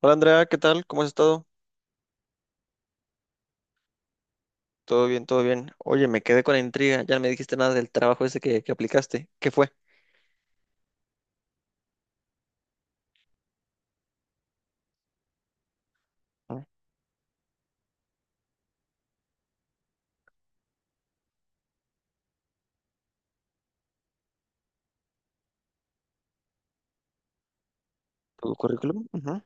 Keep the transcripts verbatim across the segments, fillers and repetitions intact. Hola Andrea, ¿qué tal? ¿Cómo has estado? Todo bien, todo bien. Oye, me quedé con la intriga. Ya no me dijiste nada del trabajo ese que, que aplicaste. ¿Qué fue? Ah, ¿tu currículum? Ujú.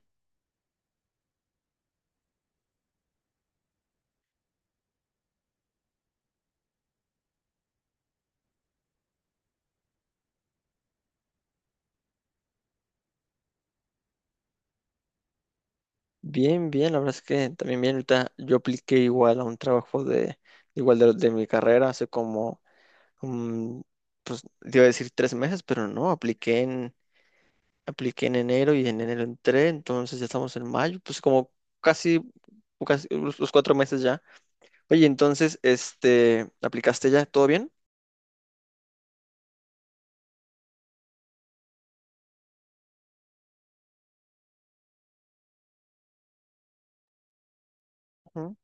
Bien, bien. La verdad es que también bien. Ahorita yo apliqué igual a un trabajo de igual de, de mi carrera hace como, mm, pues te iba a decir tres meses, pero no. Apliqué en apliqué en enero y en enero entré. Entonces ya estamos en mayo. Pues como casi, casi los los cuatro meses ya. Oye, entonces, este, ¿aplicaste ya? ¿Todo bien? Ujú,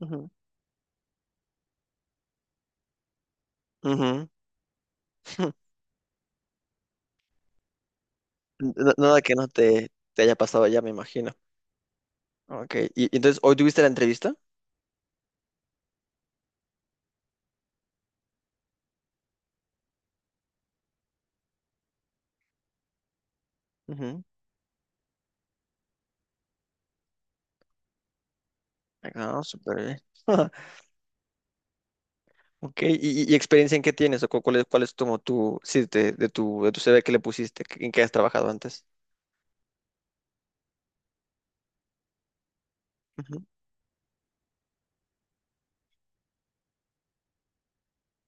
ujú. Ujú. N- Nada que no te, te haya pasado ya, me imagino. Ok, y y entonces, ¿hoy tuviste la entrevista? Ujú. Ah, súper bien. Ok, ¿y, y- y experiencia en qué tienes? ¿O cu- cuál es, cuál es como tu, sí, de, de tu, de tu C V que le pusiste, que- en qué has trabajado antes? Ujú.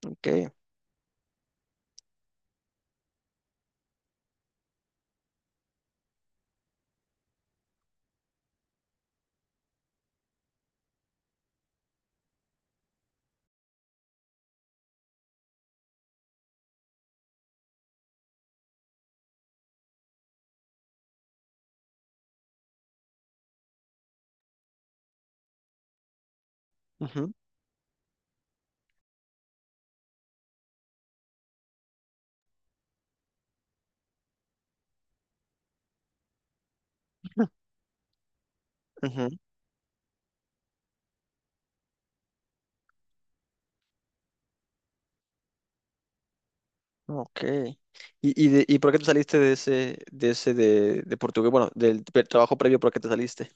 Ok, ujú, ujú, ok. ¿Y, y, de- y por qué te saliste de ese, de ese de, de portugués? Bueno, del pe- trabajo previo, ¿por qué te saliste?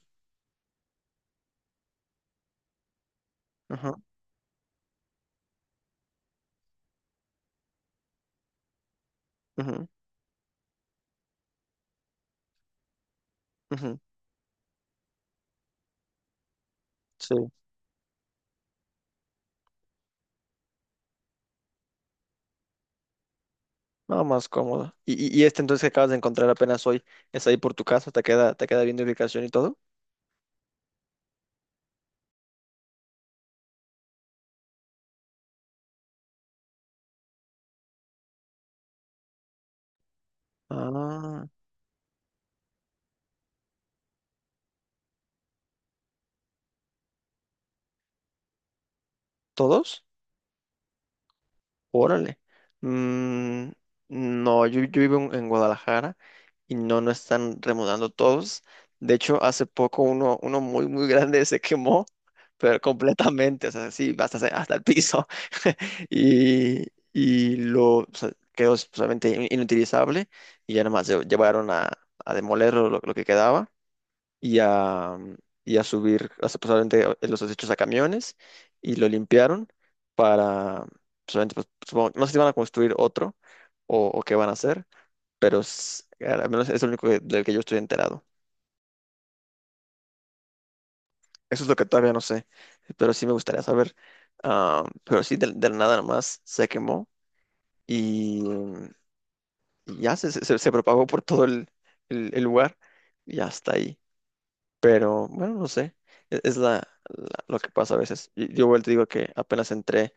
Ajá, ujú, ujú, sí. No, más cómodo. ¿Y, y, y este entonces que acabas de encontrar apenas hoy es ahí por tu casa? ¿Te queda, te queda bien de ubicación y todo? Ah, ¿todos? Órale. Mm, no, yo, yo vivo en, en Guadalajara y no, no están remodelando todos. De hecho, hace poco uno, uno muy, muy grande se quemó, pero completamente, o sea, sí, hasta, hasta el piso. Y, y lo o sea, quedó solamente inutilizable y ya nada más lle- llevaron a, a demoler lo lo que quedaba y a, mm, y a subir, o sea, pues, obviamente, o- los desechos a camiones y lo limpiaron para, pues, obviamente, pues, supongo- no sé si van a construir otro o, o qué van a hacer, pero s- al menos es lo único que- del que yo estoy enterado. Eso es lo que todavía no sé, pero sí me gustaría saber. Ah, pero sí, del, del nada nomás se quemó y, y ya se, se- se propagó por todo el, el- el lugar y hasta ahí. Pero bueno, no sé, e- es, la, la- lo que pasa a veces. Y yo vuelvo y te digo que apenas entré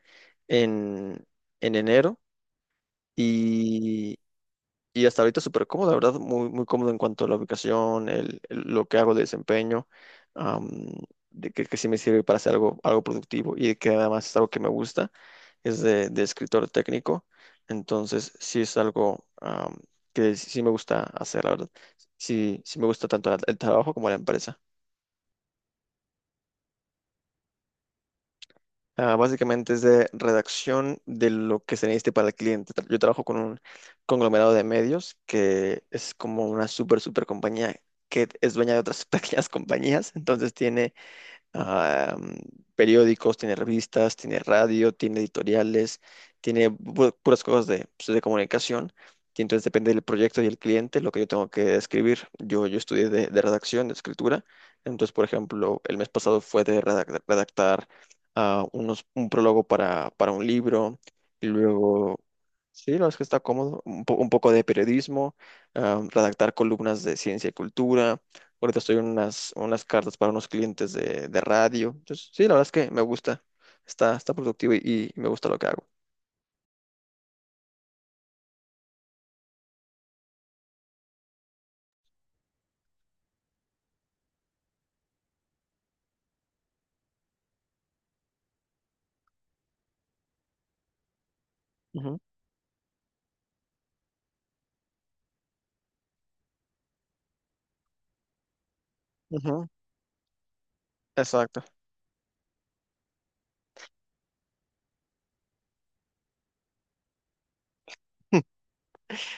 en, en enero y, y hasta ahorita súper cómodo, la verdad, muy, muy cómodo en cuanto a la ubicación, el, el- lo que hago de desempeño, am, de que, que sí me sirve para hacer algo, algo, productivo y que además es algo que me gusta, es de, de escritor técnico, entonces sí es algo, am, que sí sí me gusta hacer, la verdad. Sí, sí me gusta tanto el el trabajo como la empresa. Ah, básicamente es de redacción de lo que se necesite para el cliente. Tra- Yo trabajo con un conglomerado de medios que es como una super super compañía que es dueña de otras pequeñas compañías, entonces tiene, ah, periódicos, tiene revistas, tiene radio, tiene editoriales, tiene pu- puras cosas de, pues, de comunicación. Y entonces depende del proyecto y el cliente lo que yo tengo que escribir. Yo, yo estudié de, de redacción, de escritura. Entonces, por ejemplo, el mes pasado fue de redac- redactar, ah, unos, un prólogo para, para un libro y luego... Sí, no, es que está cómodo. Un, po- un poco de periodismo, ah, redactar columnas de ciencia y cultura. Ahorita estoy en unas, unas, cartas para unos clientes de, de radio. Entonces, sí, la verdad es que me gusta. Está, está productivo y, y me gusta lo que hago. Ujú, ujú. Exacto.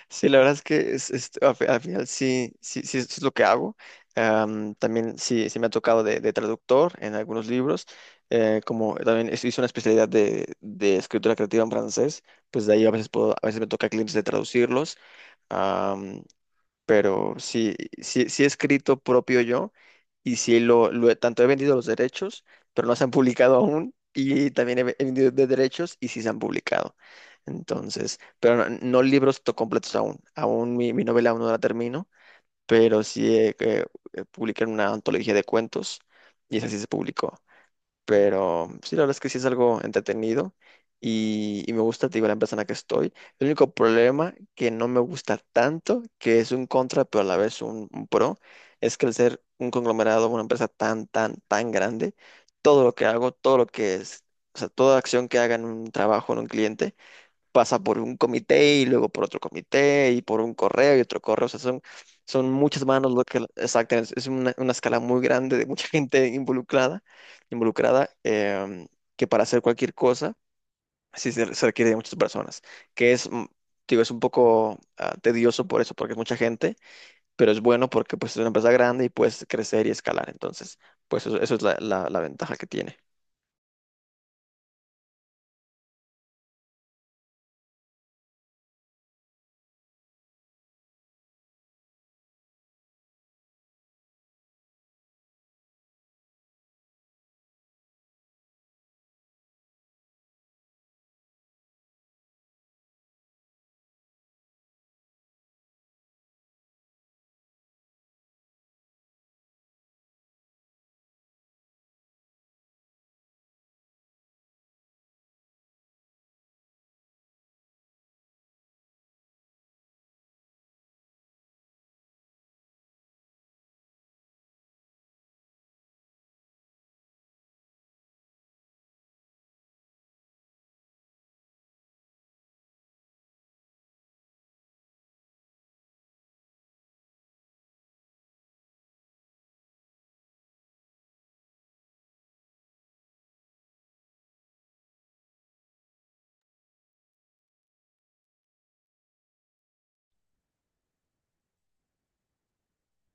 Sí, la verdad es que es, es- al, fi- al final sí, sí, sí, es lo que hago. Am, también sí, sí me ha tocado de, de traductor en algunos libros. Eh, como también es- hice una especialidad de, de escritura creativa en francés, pues de ahí a veces puedo, a veces me toca clientes de traducirlos. Pero sí, sí, sí he escrito propio yo y sí lo, lo he- tanto he vendido los derechos, pero no se han publicado aún y también he, ve- he vendido de derechos y sí se han publicado. Entonces, pero no, no libros to- completos aún, aún mi, mi novela aún no la termino, pero sí he, eh, eh, publiqué una antología de cuentos y esa sí se publicó. Pero sí, la verdad es que sí es algo entretenido y, y me gusta, te digo, la empresa en la que estoy. El único problema que no me gusta tanto, que es un contra, pero a la vez un, un pro, es que al ser un conglomerado, una empresa tan, tan, tan grande, todo lo que hago, todo lo que es, o sea, toda acción que haga en un trabajo, en un cliente, pasa por un comité y luego por otro comité y por un correo y otro correo. O sea, son, son muchas manos lo que exactamente es una, una escala muy grande de mucha gente involucrada, involucrada, em, que para hacer cualquier cosa sí se, se requiere de muchas personas, que es, mm, digo, es un poco, ah, tedioso por eso, porque es mucha gente, pero es bueno porque pues es una empresa grande y puedes crecer y escalar. Entonces, pues eso, eso es la la- la ventaja que tiene.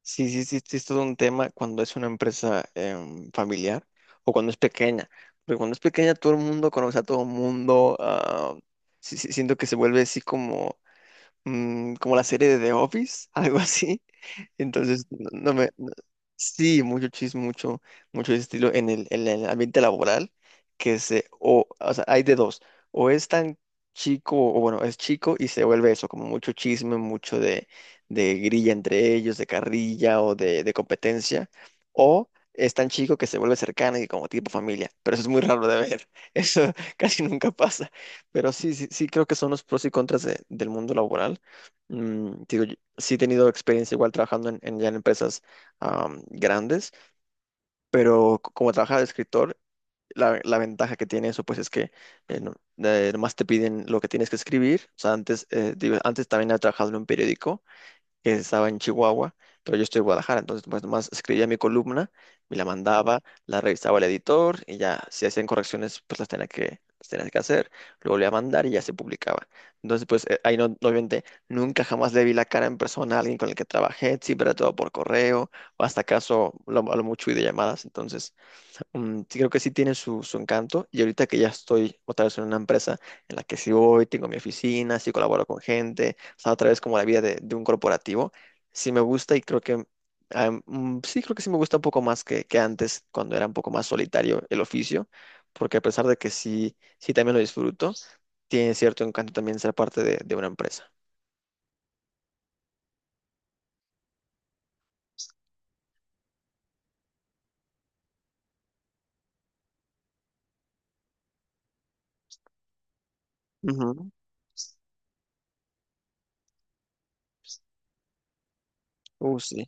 Sí, sí, sí, sí, es todo un tema cuando es una empresa, em, familiar o cuando es pequeña. Porque cuando es pequeña todo el mundo conoce a todo el mundo. Ah, sí, sí, siento que se vuelve así como mm, como la serie de The Office, algo así. Entonces, no, no me... no- sí, mucho chisme, mucho, mucho estilo en el, en el ambiente laboral, que se... O, o sea, hay de dos. O es tan chico, o bueno, es chico y se vuelve eso, como mucho chisme, mucho de, de grilla entre ellos, de carrilla o de, de competencia. O es tan chico que se vuelve cercano y como tipo familia. Pero eso es muy raro de ver. Eso casi nunca pasa. Pero sí, sí, sí creo que son los pros y contras de- del mundo laboral. Mm, digo, yo sí he tenido experiencia igual trabajando en, en- ya en empresas, am, grandes, pero c- como trabajaba de escritor, la, la ventaja que tiene eso pues es que eh, no- eh, nomás te piden lo que tienes que escribir. O sea, antes, eh, digo, antes también he trabajado en un periódico que estaba en Chihuahua, pero yo estoy en Guadalajara, entonces pues nomás escribía mi columna, me la mandaba, la revisaba el editor y ya si hacían correcciones pues las tenía que, las tenía que hacer, lo volvía a mandar y ya se publicaba. Entonces pues, eh, ahí no, obviamente nunca jamás le vi la cara en persona a alguien con el que trabajé, siempre era todo por correo o hasta acaso lo, a lo mucho y de llamadas. Entonces, mm, sí creo que sí tiene su, su encanto. Y ahorita que ya estoy otra vez en una empresa en la que sí voy, tengo mi oficina, sí colaboro con gente, o sea, otra vez como la vida de, de un corporativo, sí me gusta y creo que, am, mm, sí creo que sí me gusta un poco más que, que antes, cuando era un poco más solitario el oficio, porque a pesar de que sí, sí también lo disfruto, tiene cierto encanto también ser parte de, de una empresa. Ujú. Uh, sí.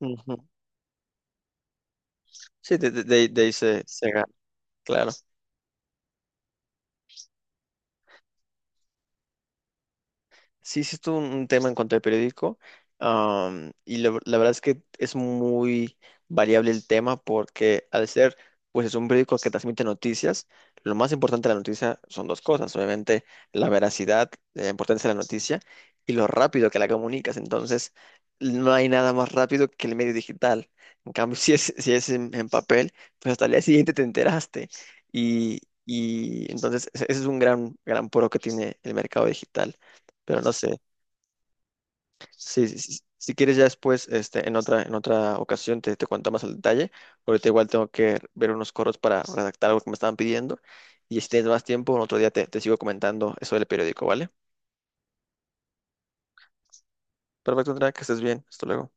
Ujú. Sí, de, de, de- de ahí se, se gana, claro. Sí, sí, estuvo un tema en cuanto al periódico. am, y la, la verdad es que es muy variable el tema porque al ser, pues es un periódico que transmite noticias, lo más importante de la noticia son dos cosas. Obviamente, la veracidad, la importancia de la noticia y lo rápido que la comunicas. Entonces, no hay nada más rápido que el medio digital. En cambio, si es, si es en, en papel, pues hasta el día siguiente te enteraste. Y, y entonces, ese ese es un gran, gran puro que tiene el mercado digital. Pero no sé. Sí, sí, sí. Si quieres ya después, este, en otra, en otra ocasión te, te cuento más al detalle. Ahorita igual tengo que ver unos coros para redactar algo que me estaban pidiendo. Y si tienes más tiempo, otro día te, te sigo comentando eso del periódico, ¿vale? Perfecto, Andrea, que estés bien. Hasta luego.